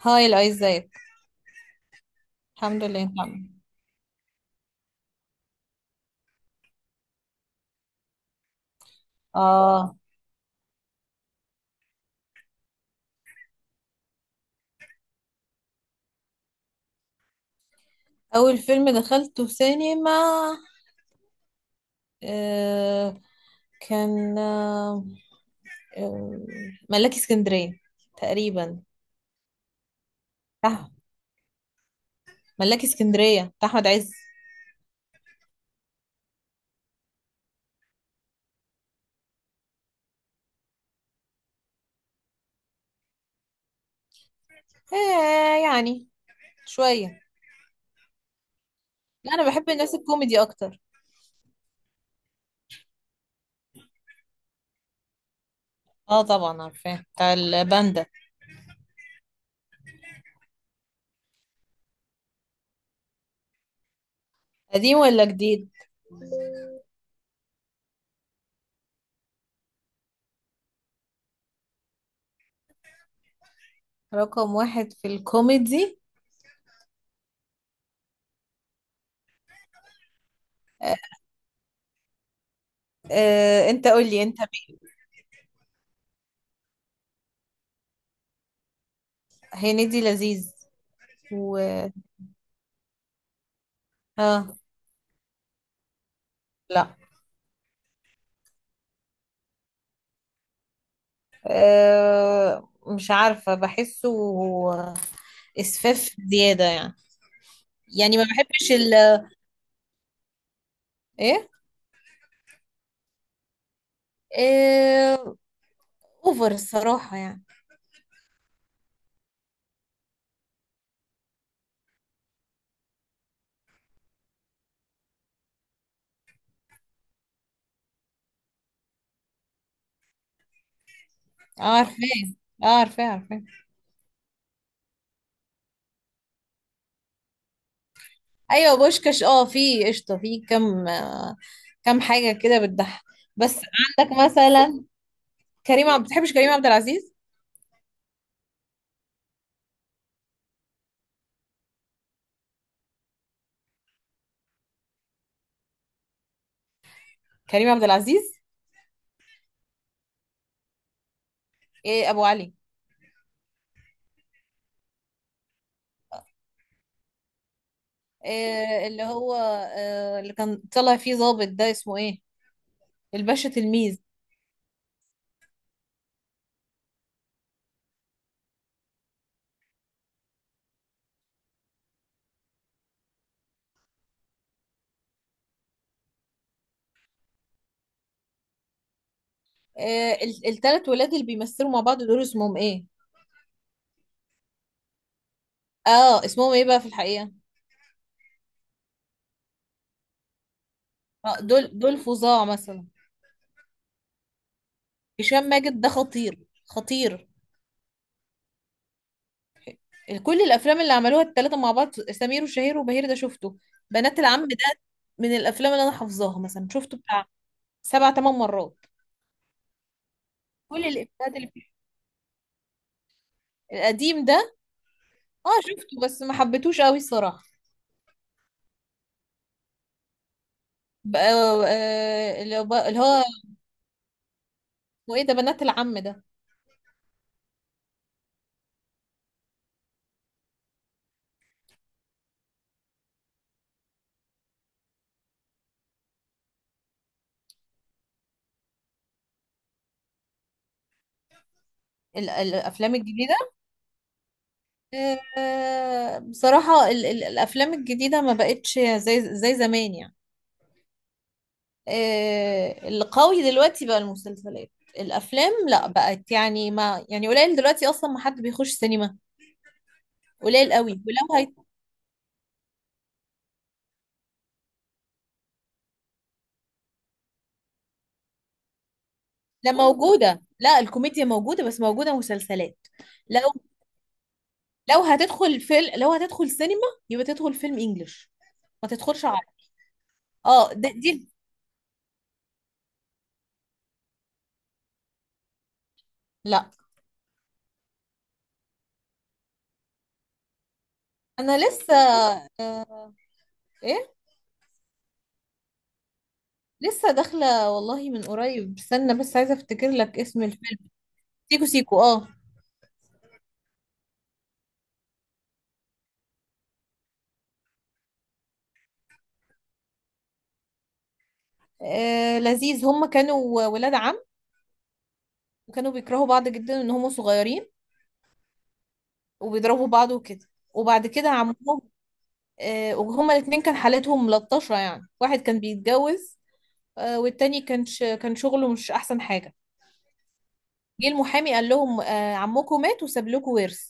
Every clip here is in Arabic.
هاي، لا، ازيك. الحمد لله، نعم. اه، اول فيلم دخلته في سينما. آه كان آه، ملاكي اسكندرية. تقريبا. صح. ملاكي اسكندرية بتاع احمد عز. يعني شوية. لا، انا بحب الناس الكوميدي اكتر. اه، طبعا عارفاه بتاع الباندا. قديم ولا جديد؟ رقم واحد في الكوميدي. آه انت قولي، انت مين؟ هنيدي لذيذ. و اه لا. مش عارفة، بحسه إسفاف زيادة يعني. يعني ما بحبش ال إيه. أه أوفر الصراحة يعني. عارفة، عارفة، عارفة. أيوة بوشكاش، اه، في قشطة، في كم، كم حاجة كده بتضحك. بس عندك مثلا، كريم عبد بتحبش كريم عبد العزيز؟ كريم عبد العزيز. إيه أبو علي. إيه اللي هو، اللي كان طلع فيه ظابط ده اسمه إيه؟ الباشا تلميذ. التلات ولاد اللي بيمثلوا مع بعض دول اسمهم ايه؟ اه، اسمهم ايه بقى في الحقيقة؟ اه، دول فظاع مثلا. هشام ماجد ده خطير. خطير. كل الافلام اللي عملوها التلاتة مع بعض سمير وشهير وبهير ده شفته. بنات العم ده من الافلام اللي انا حافظاها، مثلا شفته بتاع سبع تمن مرات. كل الافيهات اللي فيه، القديم ده. اه، شفته بس ما حبيتهوش قوي الصراحة. اللي هو اسمه ايه ده؟ بنات العم ده. الافلام الجديدة. بصراحة ال الأفلام الجديدة ما بقتش زي زمان يعني. القوي دلوقتي بقى المسلسلات. الأفلام لا، بقت يعني، ما يعني قليل دلوقتي، أصلا ما حد بيخش سينما. قليل قوي. ولو هي لا، موجودة، لا الكوميديا موجودة، بس موجودة مسلسلات. لو، لو هتدخل فيلم، لو هتدخل سينما يبقى تدخل فيلم إنجليش، ما تدخلش عربي. اه، دي. لا. أنا لسه إيه، لسه داخلة والله من قريب، استنى بس عايزة أفتكر لك اسم الفيلم. سيكو سيكو، اه. لذيذ. هم كانوا ولاد عم، وكانوا بيكرهوا بعض جدا ان هم صغيرين، وبيضربوا بعض وكده. وبعد كده عمهم، وهما الاتنين كان حالتهم ملطشة يعني. واحد كان بيتجوز، والتاني كان شغله مش احسن حاجة. جه المحامي قال لهم عمكم مات وساب لكم ورث.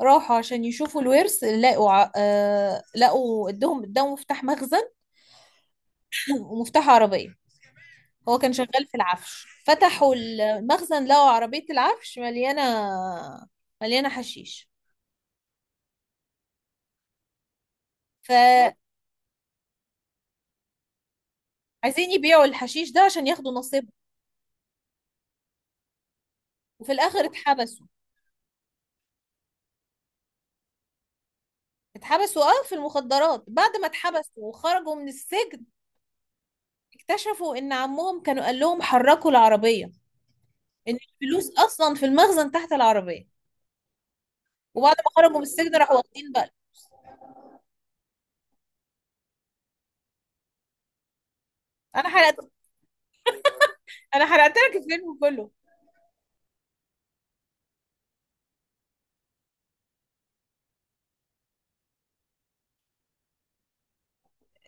راحوا عشان يشوفوا الورث، لقوا ع- آه، لقوا ادهم مفتاح مخزن ومفتاح عربية. هو كان شغال في العفش. فتحوا المخزن لقوا عربية العفش مليانة، مليانة حشيش. فعايزين يبيعوا الحشيش ده عشان ياخدوا نصيبهم. وفي الآخر اتحبسوا. اتحبسوا، اه، في المخدرات. بعد ما اتحبسوا وخرجوا من السجن اكتشفوا ان عمهم كانوا قال لهم حركوا العربية، ان الفلوس اصلا في المخزن تحت العربية. وبعد ما خرجوا من السجن راحوا واخدين بقى. انا حرقت، انا حرقت لك الفيلم كله.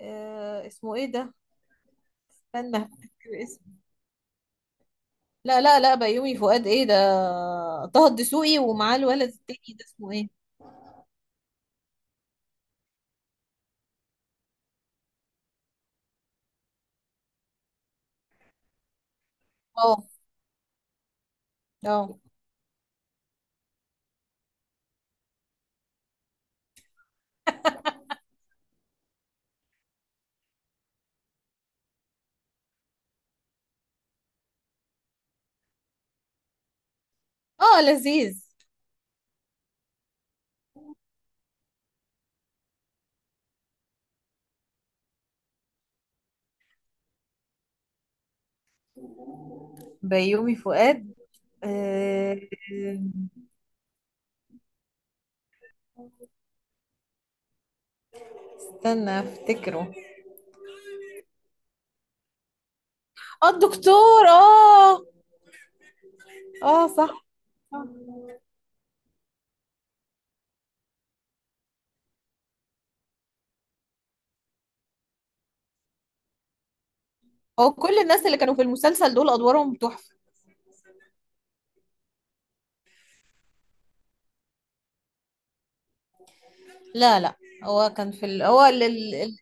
آه، اسمه ايه ده؟ استنى. لا، لا، لا، بيومي فؤاد ايه ده؟ طه الدسوقي ومعاه الولد التاني ده اسمه ايه؟ اه. اه. اه، لذيذ. بيومي فؤاد. آه، استنى افتكره. اه، الدكتور، اه. اه، صح. صح. هو كل الناس اللي كانوا في المسلسل دول ادوارهم تحفة. لا، لا. هو كان في ال... هو ال... ال- ال-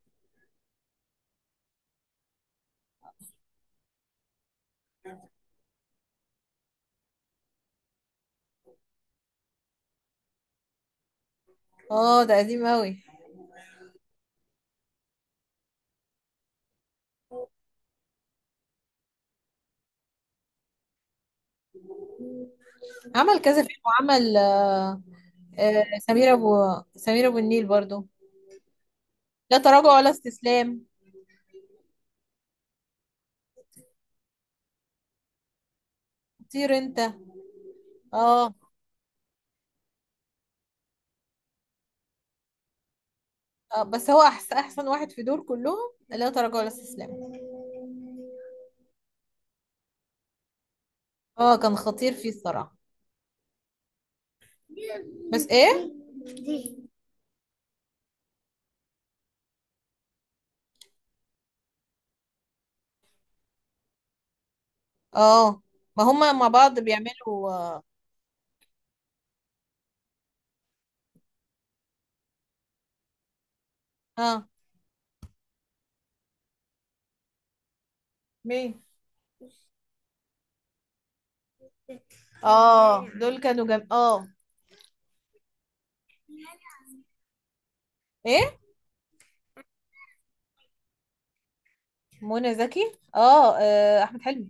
اه، ده قديم قوي. عمل كذا فيلم، وعمل، سمير ابو، سمير ابو النيل برضو. لا تراجع ولا استسلام. طير انت. اه. بس هو احسن واحد في دول كلهم. لا تراجع ولا استسلام. اه، كان خطير فيه الصراحة. بس ايه. اه. ما هما مع بعض بيعملوا، اه. آه، مين؟ اه، دول كانوا جم، اه. ايه؟ منى زكي، اه، احمد حلمي.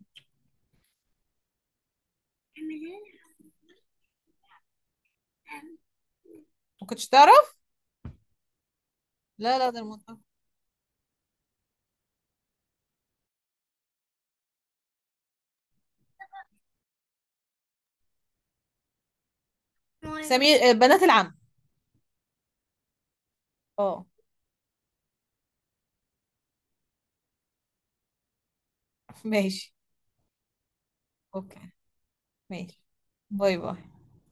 ما كنتش تعرف. لا، لا، ده المنتخب. سمير، بنات العم. اه. ماشي. اوكي. ماشي. باي، باي.